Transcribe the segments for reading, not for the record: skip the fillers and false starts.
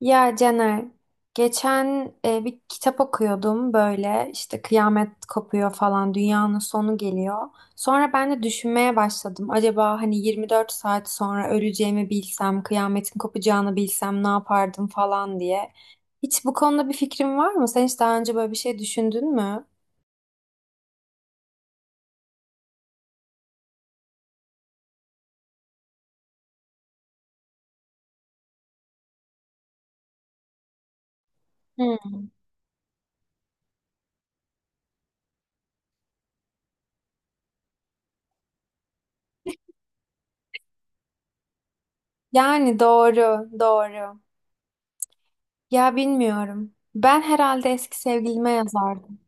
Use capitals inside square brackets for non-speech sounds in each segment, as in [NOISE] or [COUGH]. Ya Caner, geçen bir kitap okuyordum böyle işte kıyamet kopuyor falan dünyanın sonu geliyor. Sonra ben de düşünmeye başladım. Acaba hani 24 saat sonra öleceğimi bilsem, kıyametin kopacağını bilsem ne yapardım falan diye. Hiç bu konuda bir fikrin var mı? Sen hiç daha önce böyle bir şey düşündün mü? Hmm. Yani doğru, doğru. Ya bilmiyorum. Ben herhalde eski sevgilime yazardım.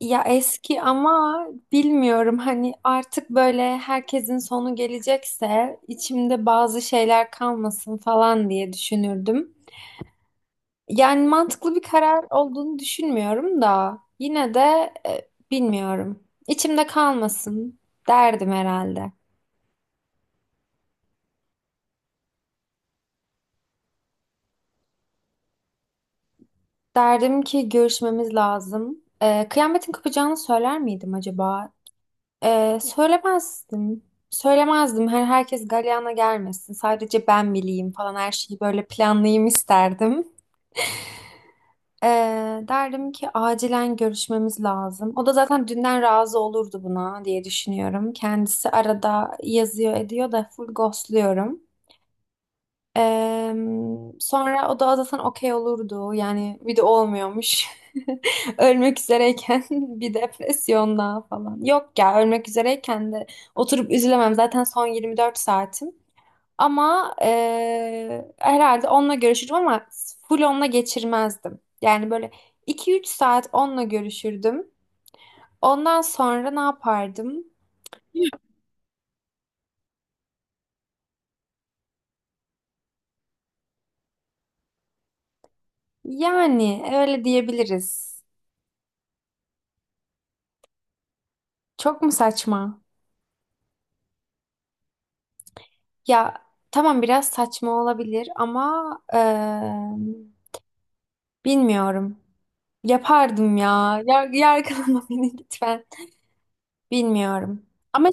Ya eski ama bilmiyorum hani artık böyle herkesin sonu gelecekse içimde bazı şeyler kalmasın falan diye düşünürdüm. Yani mantıklı bir karar olduğunu düşünmüyorum da yine de bilmiyorum. İçimde kalmasın derdim herhalde. Derdim ki görüşmemiz lazım. Kıyametin kopacağını söyler miydim acaba? Söylemezdim. Söylemezdim. Herkes galyana gelmesin. Sadece ben bileyim falan her şeyi böyle planlayayım isterdim. Ee, Derdim ki acilen görüşmemiz lazım. O da zaten dünden razı olurdu buna diye düşünüyorum. Kendisi arada yazıyor ediyor da full ghostluyorum. Sonra o da zaten okey olurdu. Yani bir de olmuyormuş. [LAUGHS] Ölmek üzereyken [LAUGHS] bir depresyon daha falan. Yok ya ölmek üzereyken de oturup üzülemem. Zaten son 24 saatim. Ama herhalde onunla görüşürüm ama full onunla geçirmezdim. Yani böyle iki üç saat onunla görüşürdüm. Ondan sonra ne yapardım? Yani öyle diyebiliriz. Çok mu saçma? Ya tamam biraz saçma olabilir ama bilmiyorum. Yapardım ya. Yargılama [LAUGHS] beni lütfen. Bilmiyorum. Ama [LAUGHS]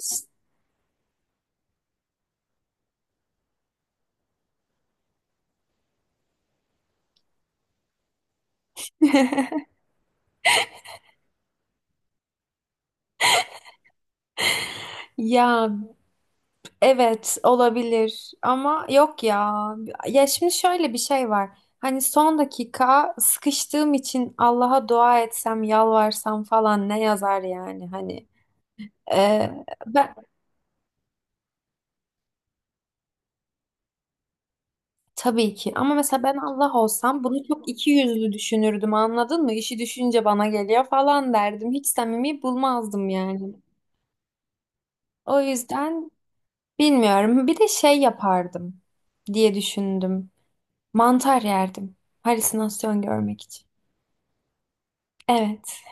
ya evet olabilir ama yok ya. Ya şimdi şöyle bir şey var. Hani son dakika sıkıştığım için Allah'a dua etsem, yalvarsam falan ne yazar yani hani. Ben tabii ki ama mesela ben Allah olsam bunu çok iki yüzlü düşünürdüm anladın mı? İşi düşünce bana geliyor falan derdim. Hiç samimi bulmazdım yani. O yüzden bilmiyorum. Bir de şey yapardım diye düşündüm. Mantar yerdim. Halüsinasyon görmek için. Evet.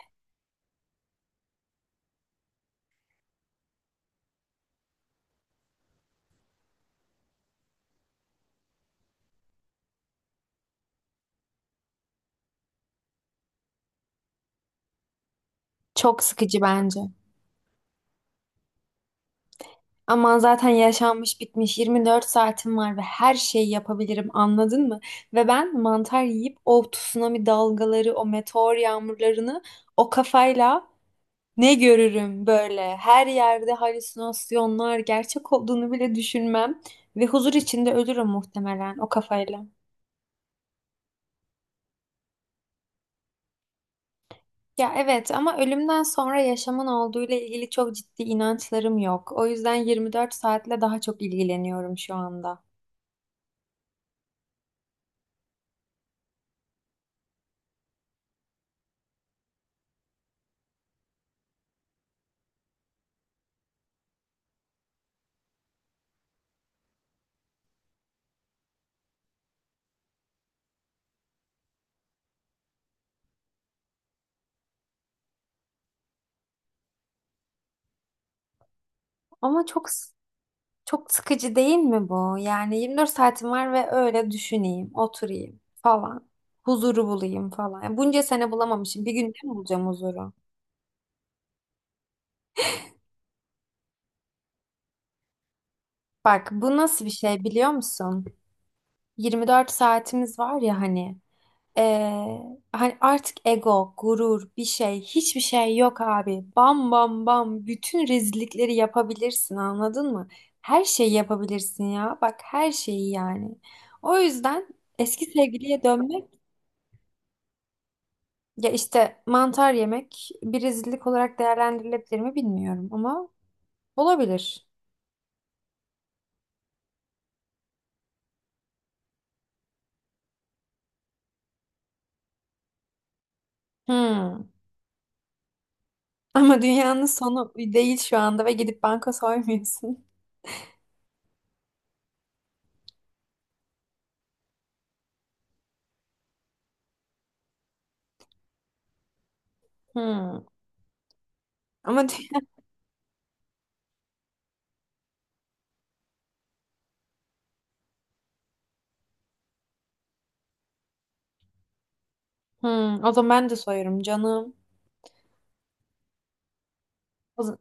Çok sıkıcı bence. Ama zaten yaşanmış bitmiş 24 saatim var ve her şeyi yapabilirim anladın mı? Ve ben mantar yiyip o tsunami dalgaları, o meteor yağmurlarını o kafayla ne görürüm böyle. Her yerde halüsinasyonlar gerçek olduğunu bile düşünmem ve huzur içinde ölürüm muhtemelen o kafayla. Ya evet ama ölümden sonra yaşamın olduğuyla ilgili çok ciddi inançlarım yok. O yüzden 24 saatle daha çok ilgileniyorum şu anda. Ama çok sıkıcı değil mi bu? Yani 24 saatim var ve öyle düşüneyim, oturayım falan. Huzuru bulayım falan. Yani bunca sene bulamamışım. Bir günde mi bulacağım huzuru? Bak bu nasıl bir şey biliyor musun? 24 saatimiz var ya hani hani artık ego, gurur, bir şey, hiçbir şey yok abi. Bam bam bam bütün rezillikleri yapabilirsin anladın mı? Her şeyi yapabilirsin ya. Bak her şeyi yani. O yüzden eski sevgiliye dönmek ya işte mantar yemek bir rezillik olarak değerlendirilebilir mi bilmiyorum ama olabilir. Hmm. Ama dünyanın sonu değil şu anda ve gidip banka soymuyorsun. Hmm. Ama hmm, o zaman ben de soyarım canım. O zaman-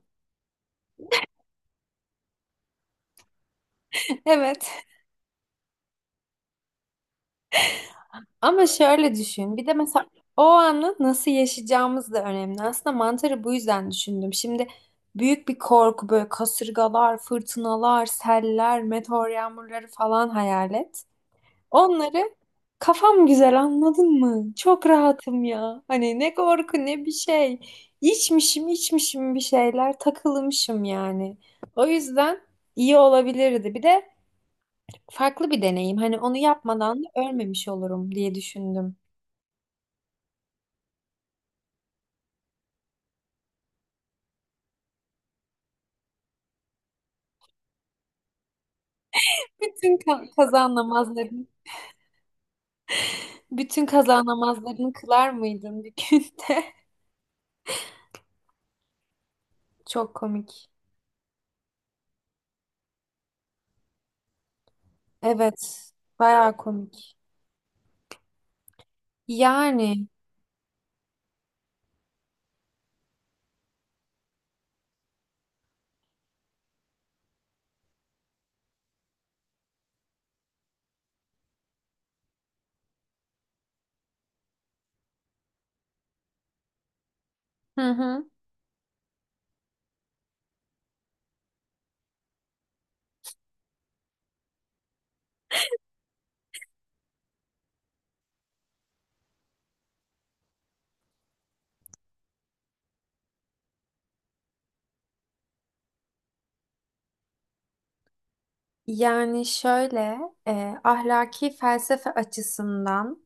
[LAUGHS] Evet. Ama şöyle düşün. Bir de mesela o anı nasıl yaşayacağımız da önemli. Aslında mantarı bu yüzden düşündüm. Şimdi büyük bir korku böyle kasırgalar, fırtınalar, seller, meteor yağmurları falan hayal et. Onları kafam güzel anladın mı? Çok rahatım ya. Hani ne korku ne bir şey. İçmişim içmişim bir şeyler takılmışım yani. O yüzden iyi olabilirdi. Bir de farklı bir deneyim. Hani onu yapmadan da ölmemiş olurum diye düşündüm. Kaza namazlarını, bütün kaza namazlarını kılar mıydın bir günde? [LAUGHS] Çok komik. Evet, bayağı komik. Yani, hı hı. Yani şöyle, ahlaki felsefe açısından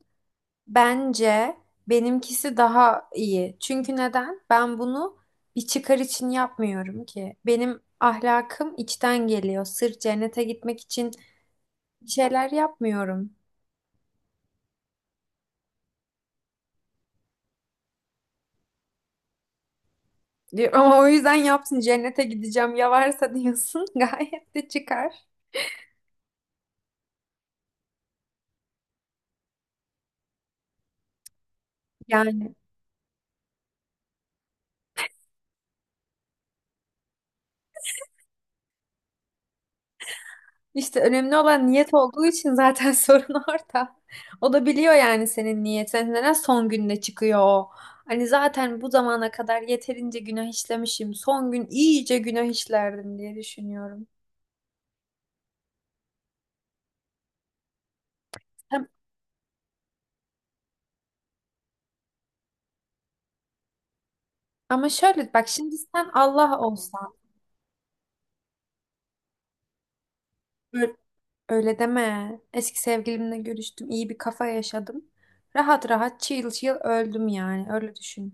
bence benimkisi daha iyi. Çünkü neden? Ben bunu bir çıkar için yapmıyorum ki. Benim ahlakım içten geliyor. Sırf cennete gitmek için bir şeyler yapmıyorum diyor. Ama o yüzden yapsın cennete gideceğim ya varsa diyorsun [LAUGHS] gayet de çıkar. Yani işte önemli olan niyet olduğu için zaten [LAUGHS] sorun orada. O da biliyor yani senin niyetin. Neden son günde çıkıyor o? Hani zaten bu zamana kadar yeterince günah işlemişim. Son gün iyice günah işlerdim diye düşünüyorum. Hem- Ama şöyle bak şimdi sen Allah olsan böyle öyle deme. Eski sevgilimle görüştüm. İyi bir kafa yaşadım. Rahat rahat chill chill öldüm yani. Öyle düşün.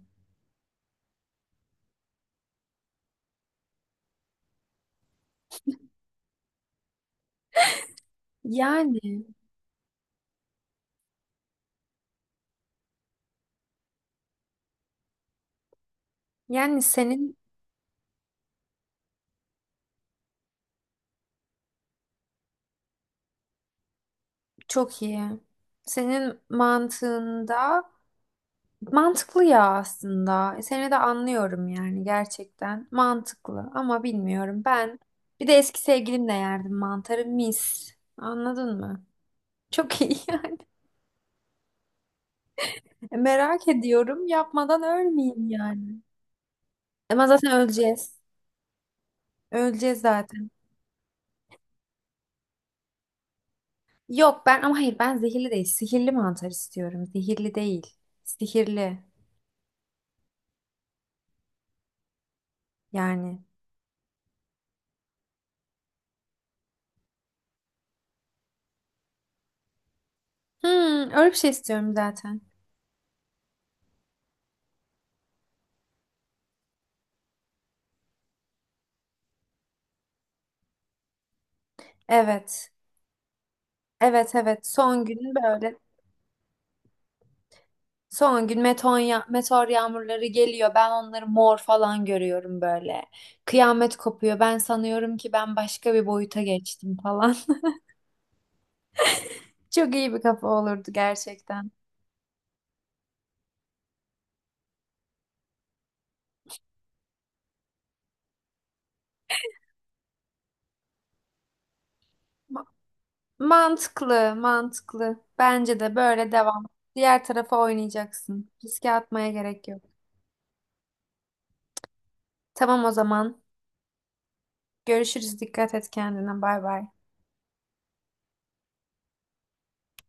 Yani. Yani senin çok iyi. Senin mantığında mantıklı ya aslında. Seni de anlıyorum yani gerçekten. Mantıklı ama bilmiyorum. Ben bir de eski sevgilimle yerdim mantarı mis. Anladın mı? Çok iyi yani. [LAUGHS] Merak ediyorum. Yapmadan ölmeyeyim yani. Ama zaten öleceğiz. Öleceğiz zaten. Yok ben ama hayır ben zehirli değil. Sihirli mantar istiyorum. Zehirli değil. Sihirli yani. Hmm, öyle bir şey istiyorum zaten. Evet. Evet evet. Son günün böyle. Son gün meteor, meteor yağmurları geliyor. Ben onları mor falan görüyorum böyle. Kıyamet kopuyor. Ben sanıyorum ki ben başka bir boyuta geçtim falan. [LAUGHS] Çok iyi bir kafa olurdu gerçekten. Ma- Mantıklı, mantıklı. Bence de böyle devam. Diğer tarafa oynayacaksın. Riske atmaya gerek yok. Tamam o zaman. Görüşürüz. Dikkat et kendine. Bay bay.